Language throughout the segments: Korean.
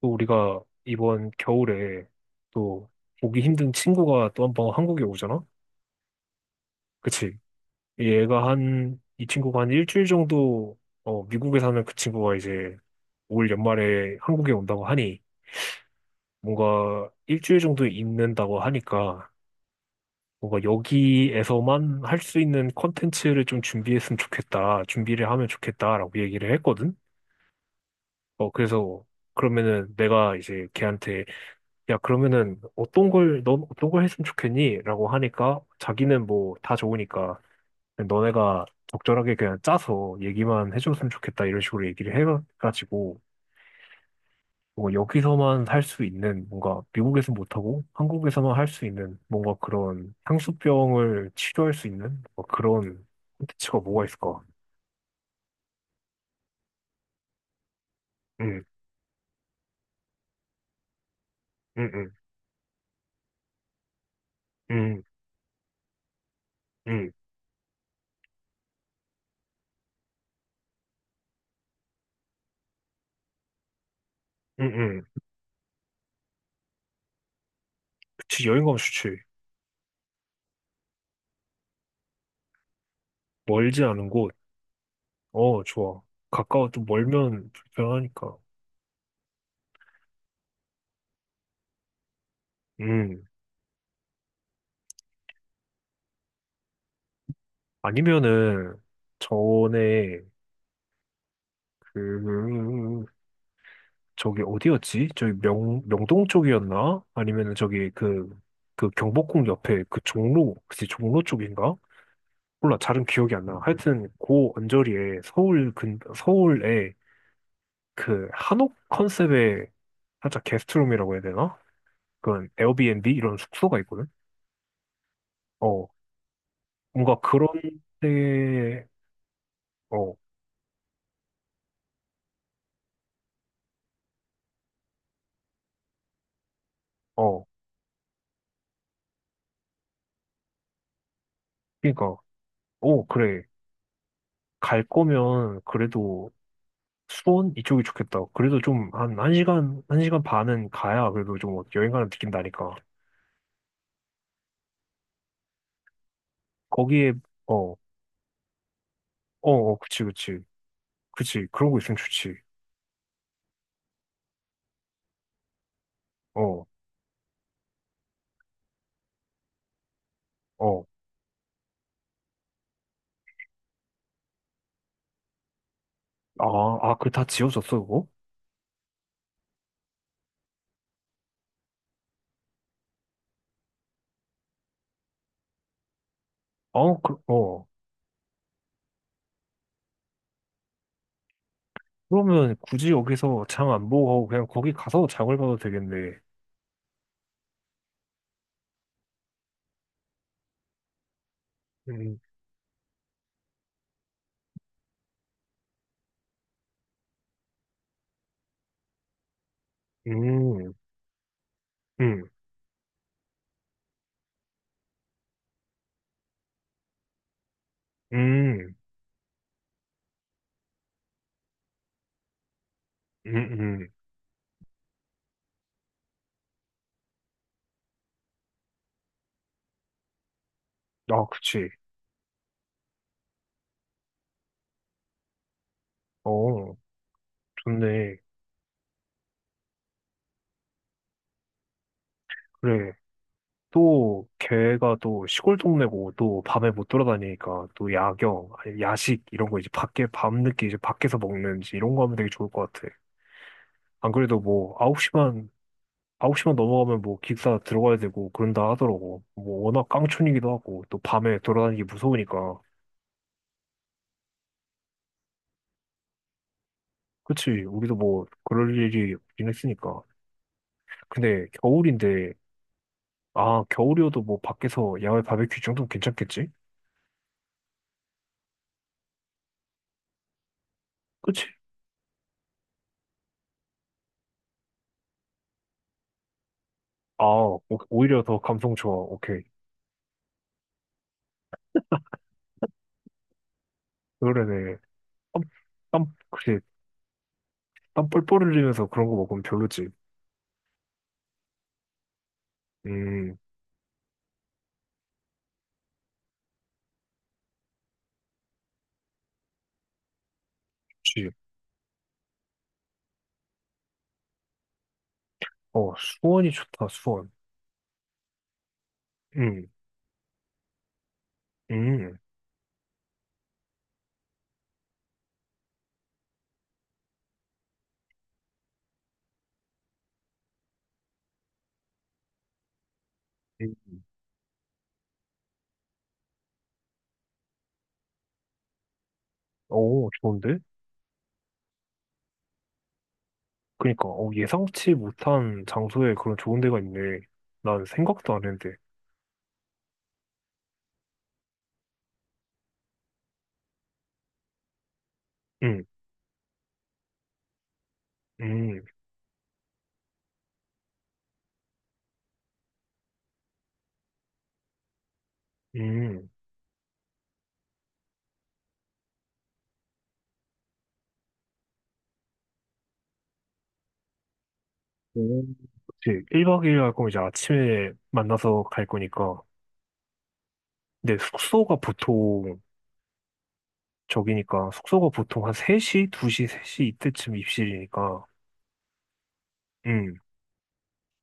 또 우리가 이번 겨울에 또 보기 힘든 친구가 또 한 번 한국에 오잖아? 그치? 얘가 이 친구가 한 일주일 정도. 어, 미국에 사는 그 친구가 이제 올 연말에 한국에 온다고 하니 뭔가 일주일 정도 있는다고 하니까 뭔가 여기에서만 할 수 있는 컨텐츠를 좀 준비했으면 좋겠다. 준비를 하면 좋겠다라고 얘기를 했거든? 그래서 그러면은 내가 이제 걔한테 야, 그러면은 넌 어떤 걸 했으면 좋겠니? 라고 하니까 자기는 뭐 다 좋으니까 그냥 너네가 적절하게 그냥 짜서 얘기만 해줬으면 좋겠다 이런 식으로 얘기를 해가지고 뭐 여기서만 할 수 있는 뭔가 미국에서 못하고 한국에서만 할 수 있는 뭔가 그런 향수병을 치료할 수 있는 뭐 그런 콘텐츠가 뭐가 있을까? 응, 응, 응, 응, 응, 응, 응. 그치, 여행 가면 좋지. 멀지 않은 곳. 어, 좋아. 가까워, 도 멀면 불편하니까. 음. 아니면은, 전에, 그, 저기 어디였지? 저기 명동 쪽이었나? 아니면은 저기 그, 그 경복궁 옆에 그 종로, 혹시 종로 쪽인가? 몰라, 잘은 기억이 안 나. 하여튼, 그 언저리에 서울에 그 한옥 컨셉의 살짝 게스트룸이라고 해야 되나? 그런 에어비앤비 이런 숙소가 있거든? 어, 뭔가 그런 데. 어, 어, 그니까, 어, 그래. 갈 거면 그래도 수원 이쪽이 좋겠다. 그래도 좀 한 한시간한시간 반은 가야 그래도 좀 어, 여행 가는 느낀다니까. 거기에 어, 어, 어, 그치, 그치. 그치. 그런 거 있으면 좋지. 어, 어. 아, 아, 그 다 지워졌어, 그거? 어, 그, 어. 그러면 굳이 여기서 장 안 보고 가고 그냥 거기 가서 장을 봐도 되겠네. 음, 음, 음, 음, 음, 음. 아, 그치. 어, 좋네. 그래. 또 걔가 또 시골 동네고 또 밤에 못 돌아다니니까 또 야경, 아니 야식 이런 거 이제 밖에 밤늦게 이제 밖에서 먹는지 이런 거 하면 되게 좋을 것 같아. 안 그래도 뭐 9시만 넘어가면 뭐 기숙사 들어가야 되고 그런다 하더라고. 뭐 워낙 깡촌이기도 하고 또 밤에 돌아다니기 무서우니까. 그치 우리도 뭐 그럴 일이 없긴 했으니까. 근데 겨울인데 아 겨울이어도 뭐 밖에서 야외 바베큐 정도면 괜찮겠지? 그치? 아 오히려 더 감성 좋아. 오케이. 그러네. 땀, 땀, 그래, 땀 뻘뻘 흘리면서 그런 거 먹으면 별로지. 음, 그치. 어, 수원이 좋다, 수원. 음, 음, 음. 오, 좋은데? 그니까, 어, 예상치 못한 장소에 그런 좋은 데가 있네. 난 생각도 안 했는데. 음, 음, 음. 오. 그치. 1박 2일 할 거면 이제 아침에 만나서 갈 거니까. 근데 숙소가 보통, 저기니까, 숙소가 보통 한 3시 이때쯤 입실이니까. 음.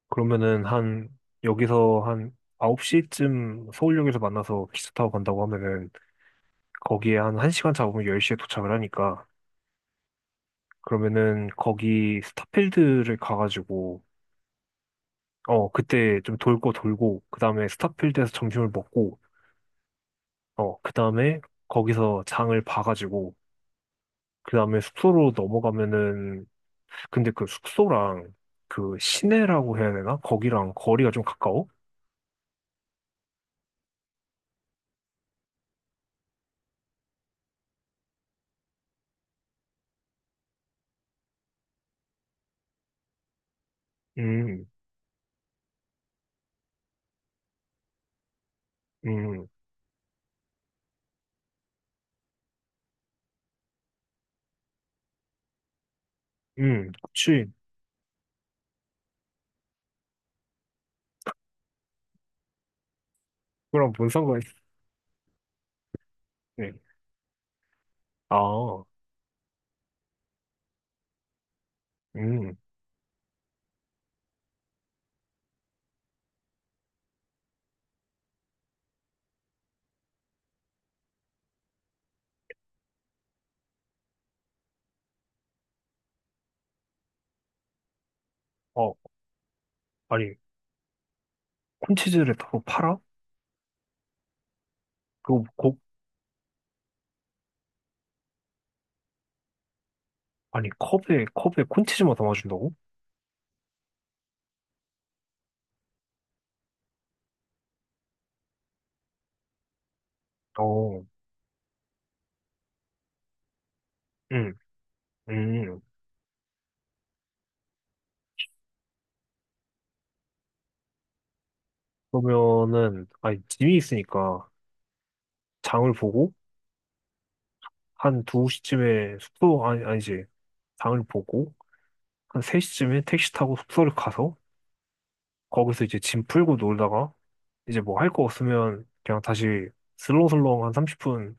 그러면은 한 여기서 한 9시쯤 서울역에서 만나서 기차 타고 간다고 하면은 거기에 한 1시간 잡으면 10시에 도착을 하니까 그러면은 거기 스타필드를 가가지고 어 그때 좀 돌고 그 다음에 스타필드에서 점심을 먹고 어 그 다음에 거기서 장을 봐가지고 그 다음에 숙소로 넘어가면은. 근데 그 숙소랑 그 시내라고 해야 되나? 거기랑 거리가 좀 가까워? 음, 음, 그치. 그거랑 뭔 상관? 네. 아, 음, 어, 아니, 콘치즈를 바로 팔아? 그거 곡, 아니, 컵에 콘치즈만 담아준다고? 어, 음, 음. 그러면은, 아니, 짐이 있으니까, 장을 보고, 아니, 아니지, 장을 보고, 한 3시쯤에 택시 타고 숙소를 가서, 거기서 이제 짐 풀고 놀다가, 이제 뭐 할 거 없으면, 그냥 다시 슬렁슬렁 한 30분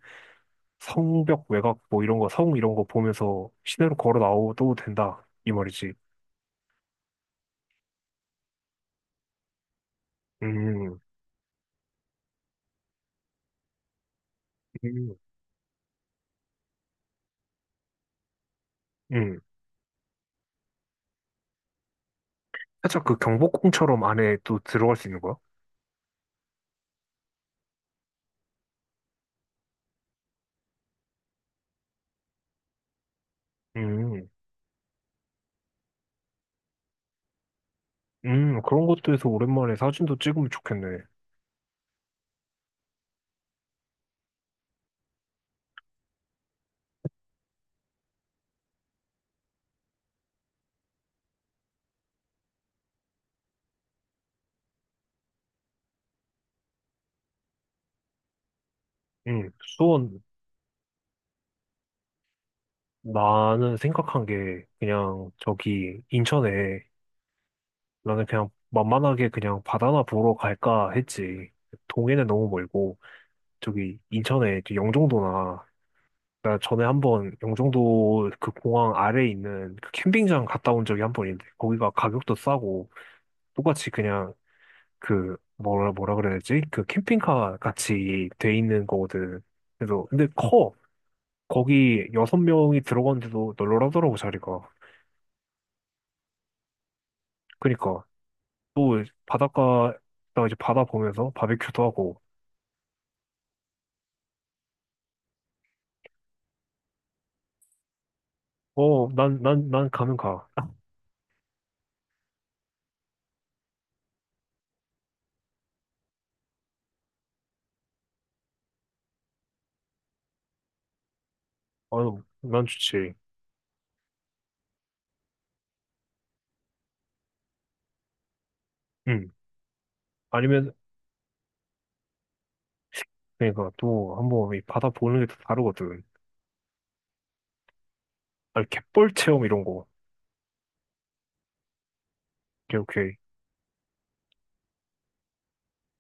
성벽 외곽 뭐 이런 거, 성 이런 거 보면서 시내로 걸어 나와도 된다. 이 말이지. 음, 음, 음. 살짝 그 경복궁처럼 안에 또 들어갈 수 있는 거야? 음, 그런 것도 해서 오랜만에 사진도 찍으면 좋겠네. 음, 수원, 나는 생각한 게 그냥 저기 인천에. 나는 그냥 만만하게 그냥 바다나 보러 갈까 했지. 동해는 너무 멀고 저기 인천에 이제 영종도나 그러니까 전에 한번 영종도 그 공항 아래에 있는 그 캠핑장 갔다 온 적이 한 번 있는데 거기가 가격도 싸고 똑같이 그냥 그 뭐라 뭐라 그래야 되지? 그 캠핑카 같이 돼 있는 거거든. 그래서 근데 커. 거기 여섯 명이 들어갔는데도 널널하더라고 자리가. 그니까 또 바닷가 나 이제 바다 보면서 바베큐도 하고 어 난 가면 가. 어 난 좋지. 응. 아니면 그러니까 또 한번 이 바다 보는 게 또 다르거든. 아, 갯벌 체험 이런 거. 오케이, 오케이.